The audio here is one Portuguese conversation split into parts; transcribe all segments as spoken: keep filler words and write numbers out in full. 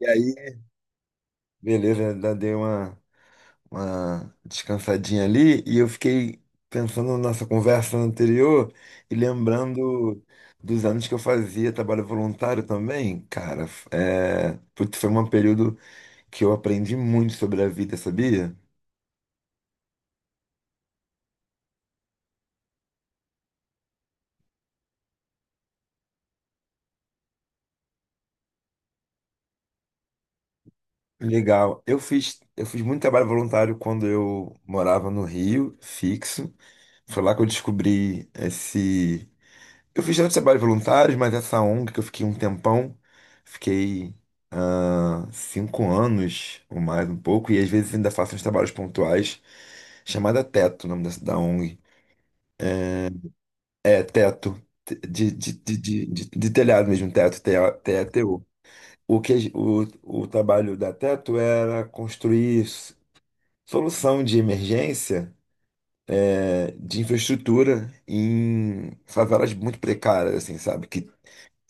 E aí, beleza, eu ainda dei uma, uma descansadinha ali e eu fiquei pensando na nossa conversa anterior e lembrando dos anos que eu fazia trabalho voluntário também. Cara, f- é, putz, foi um período que eu aprendi muito sobre a vida, sabia? Legal. Eu fiz, eu fiz muito trabalho voluntário quando eu morava no Rio, fixo. Foi lá que eu descobri esse. Eu fiz tanto trabalho voluntário, mas essa ONG que eu fiquei um tempão, fiquei ah, cinco anos ou mais um pouco, e às vezes ainda faço uns trabalhos pontuais, chamada Teto, o nome dessa da ONG. É Teto, te- de, de, de, de, de- de telhado mesmo, Teto, T E T O. O O que, a- o, o trabalho da Teto era construir s- solução de emergência, é, de infraestrutura em favelas muito precárias, assim, sabe? Que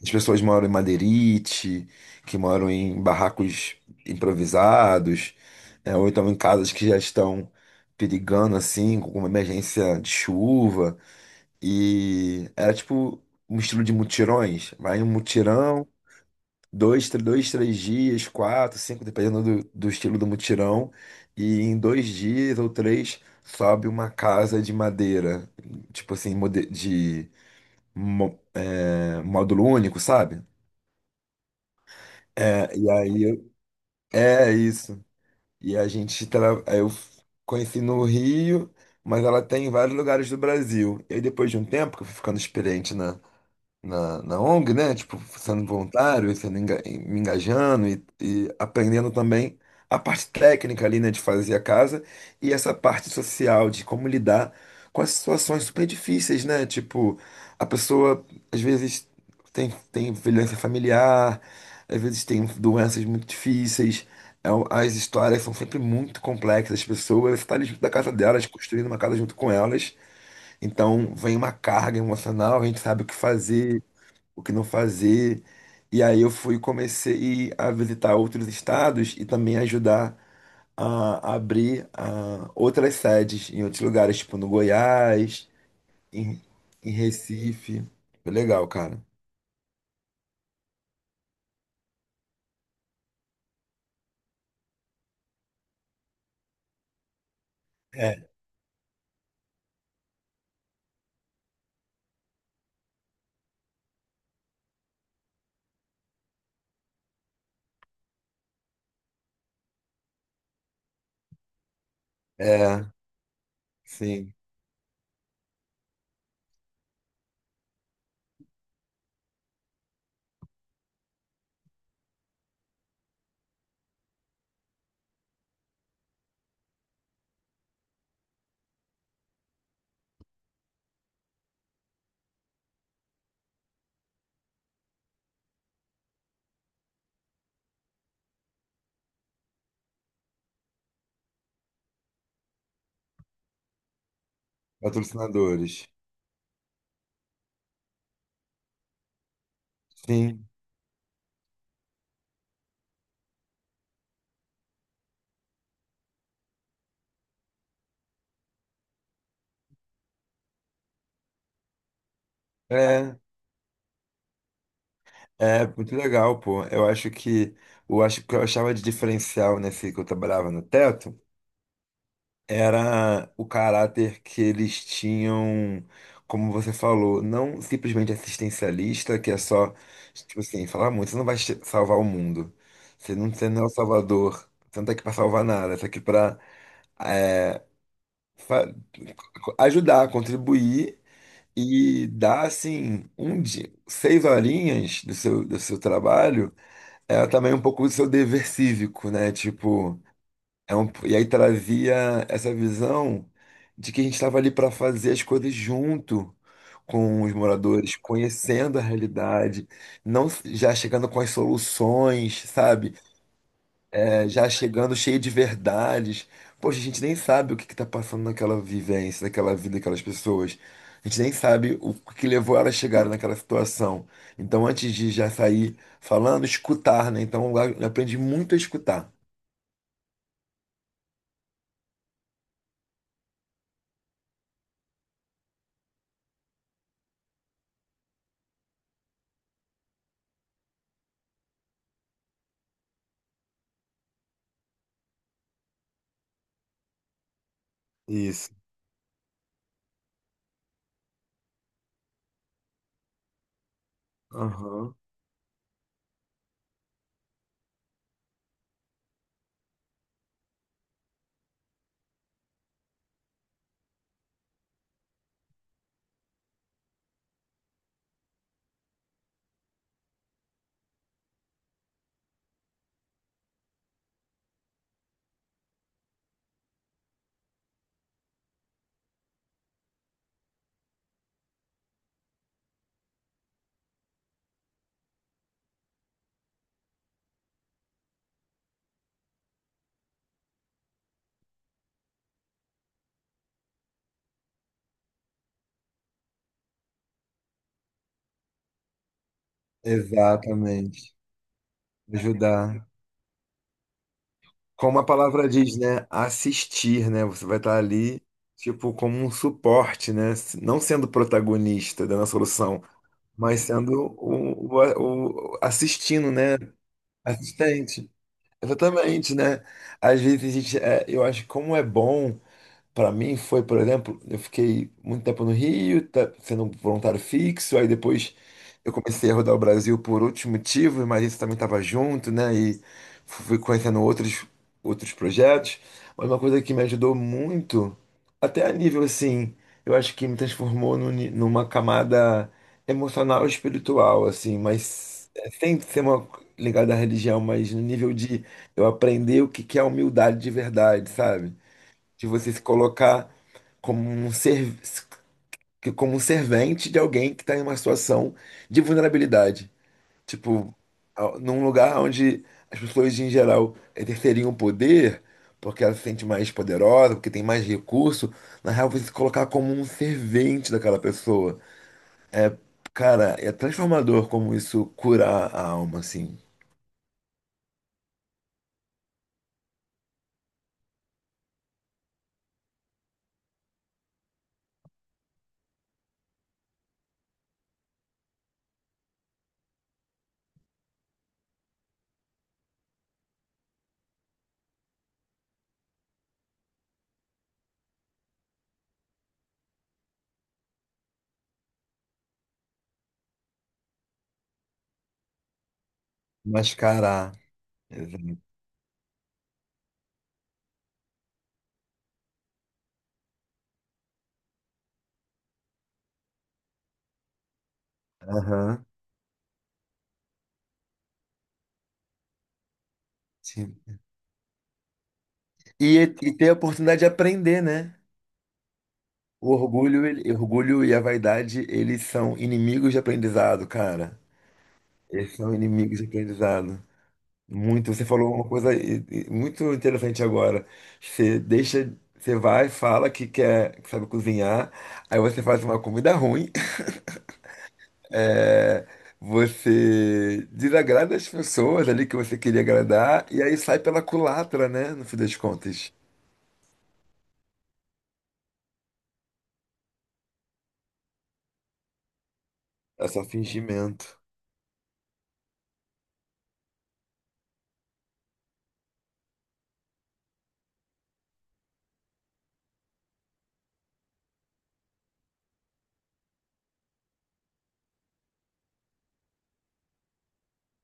As pessoas moram em madeirite, que moram em barracos improvisados, é, ou então em casas que já estão perigando, assim, com uma emergência de chuva. E era tipo um estilo de mutirões. Vai em um mutirão, dois, tr- dois, três dias, quatro, cinco, dependendo do, do estilo do mutirão. E em dois dias ou três sobe uma casa de madeira, tipo assim, mode- de mo- é, módulo único, sabe? É, e aí eu- é isso. E a gente tra... aí eu conheci no Rio, mas ela tem em vários lugares do Brasil. E aí depois de um tempo que eu fui ficando experiente na, na ONG, né? Tipo, sendo voluntário, e sendo enga- e me engajando e, e aprendendo também a parte técnica ali, né, de fazer a casa e essa parte social de como lidar com as situações super difíceis, né? Tipo, a pessoa às vezes tem, tem violência familiar, às vezes tem doenças muito difíceis. é um- As histórias são sempre muito complexas, as pessoas estão ali junto da casa delas, construindo uma casa junto com elas, então vem uma carga emocional, a gente sabe o que fazer, o que não fazer. E aí eu fui comecei a visitar outros estados e também ajudar a abrir ah, outras sedes em outros lugares, tipo no Goiás, em, em Recife. Foi legal, cara. É. É, sim, patrocinadores. Sim, é, é muito legal, pô. Eu acho que eu acho que eu achava de diferencial nesse que eu trabalhava no Teto, era o caráter que eles tinham, como você falou, não simplesmente assistencialista, que é só, tipo assim, falar muito, você não vai che- salvar o mundo. Você não, você não é o salvador, você não tá aqui para salvar nada, você tá aqui para ajudar, contribuir e dar, assim, um dia, seis horinhas do seu, do seu trabalho, é também um pouco do seu dever cívico, né? Tipo, É um- e aí trazia essa visão de que a gente estava ali para fazer as coisas junto com os moradores, conhecendo a realidade, não s- já chegando com as soluções, sabe? É, já chegando cheio de verdades. Poxa, a gente nem sabe o que está passando naquela vivência, naquela vida daquelas pessoas. A gente nem sabe o que levou elas a chegarem naquela situação. Então, antes de já sair falando, escutar, né? Então, eu aprendi muito a escutar. Isso. Exatamente. Ajudar. Como a palavra diz, né? Assistir, né? Você vai estar ali, tipo, como um suporte, né? Não sendo protagonista da solução, mas sendo o, o, o- assistindo, né? Assistente. Exatamente, né? Às vezes a gente, é, eu acho que como é bom. Para mim foi, por exemplo, eu fiquei muito tempo no Rio, tá- sendo um voluntário fixo, aí depois eu comecei a rodar o Brasil por outros motivos, mas isso também estava junto, né? E fui conhecendo outros, outros projetos. Mas uma coisa que me ajudou muito, até a nível assim, eu acho que me transformou num ni- numa camada emocional e espiritual, assim, mas é, sem ser uma ligada à religião, mas no nível de eu aprender o que que é humildade de verdade, sabe? De você se colocar como um ser, como um servente de alguém que está em uma situação de vulnerabilidade. Tipo, a- num lugar onde as pessoas em geral exerceriam o poder, porque ela se sente mais poderosa, porque tem mais recurso, na real você se colocar como um servente daquela pessoa. É, cara, é transformador como isso curar a alma, assim. Mascarar. Exato. Aham. Sim. E, e ter a oportunidade de aprender, né? O orgulho, ele- orgulho e a vaidade, eles são inimigos de aprendizado, cara. Eles são inimigos de aprendizado. Muito, você falou uma coisa e- e muito interessante agora. Você deixa, você vai, fala que quer, que sabe cozinhar, aí você faz uma comida ruim, é, você desagrada as pessoas ali que você queria agradar, e aí sai pela culatra, né? No fim das contas. É só fingimento.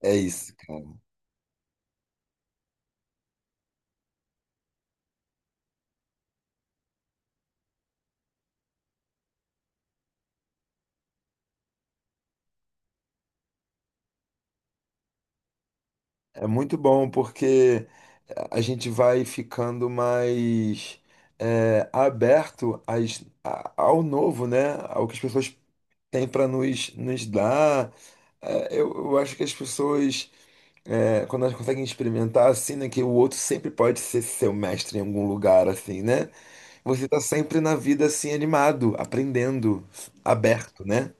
É isso, cara. É muito bom porque a gente vai ficando mais é, aberto às- a- ao novo, né? Ao que as pessoas têm para nos, nos dar. É, eu, eu acho que as pessoas, é, quando elas conseguem experimentar assim, né, que o outro sempre pode ser seu mestre em algum lugar, assim, né? Você tá sempre na vida assim, animado, aprendendo, aberto, né?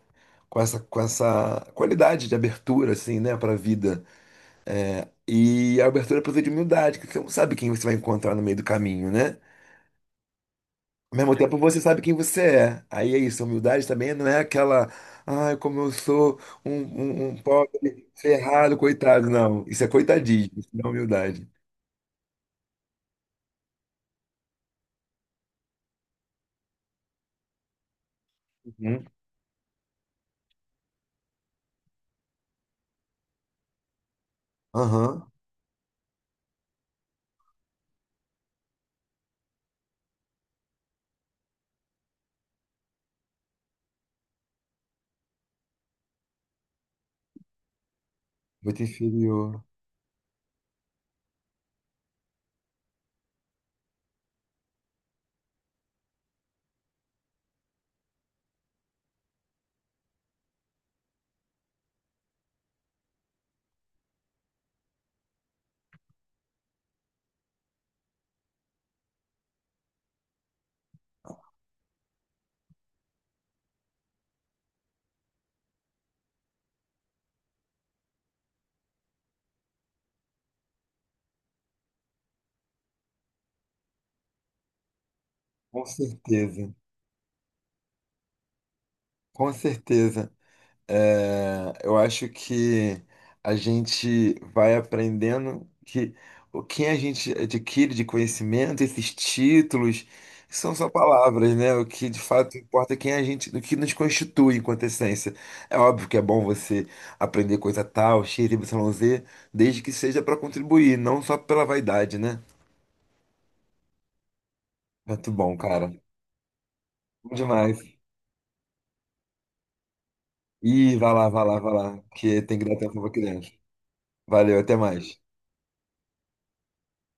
Com essa, com essa qualidade de abertura, assim, né, para a vida. É, e a abertura precisa de humildade, que você não sabe quem você vai encontrar no meio do caminho, né? Ao mesmo tempo, você sabe quem você é. Aí é isso, a humildade também não é aquela, ai, como eu sou um, um, um pobre, ferrado, coitado. Não, isso é coitadismo, isso não é humildade. Uhum. Aham, muito inferior. Com certeza, com certeza. É, eu acho que a gente vai aprendendo que o que a gente adquire de conhecimento, esses títulos, são só palavras, né? O que de fato importa é quem a gente, o que nos constitui enquanto essência. É óbvio que é bom você aprender coisa tal, X Y Z, desde que seja para contribuir, não só pela vaidade, né? Muito bom, cara. Bom demais. Ih, vai lá, vai lá, vai lá, que tem que dar tempo pra criança. Valeu, até mais.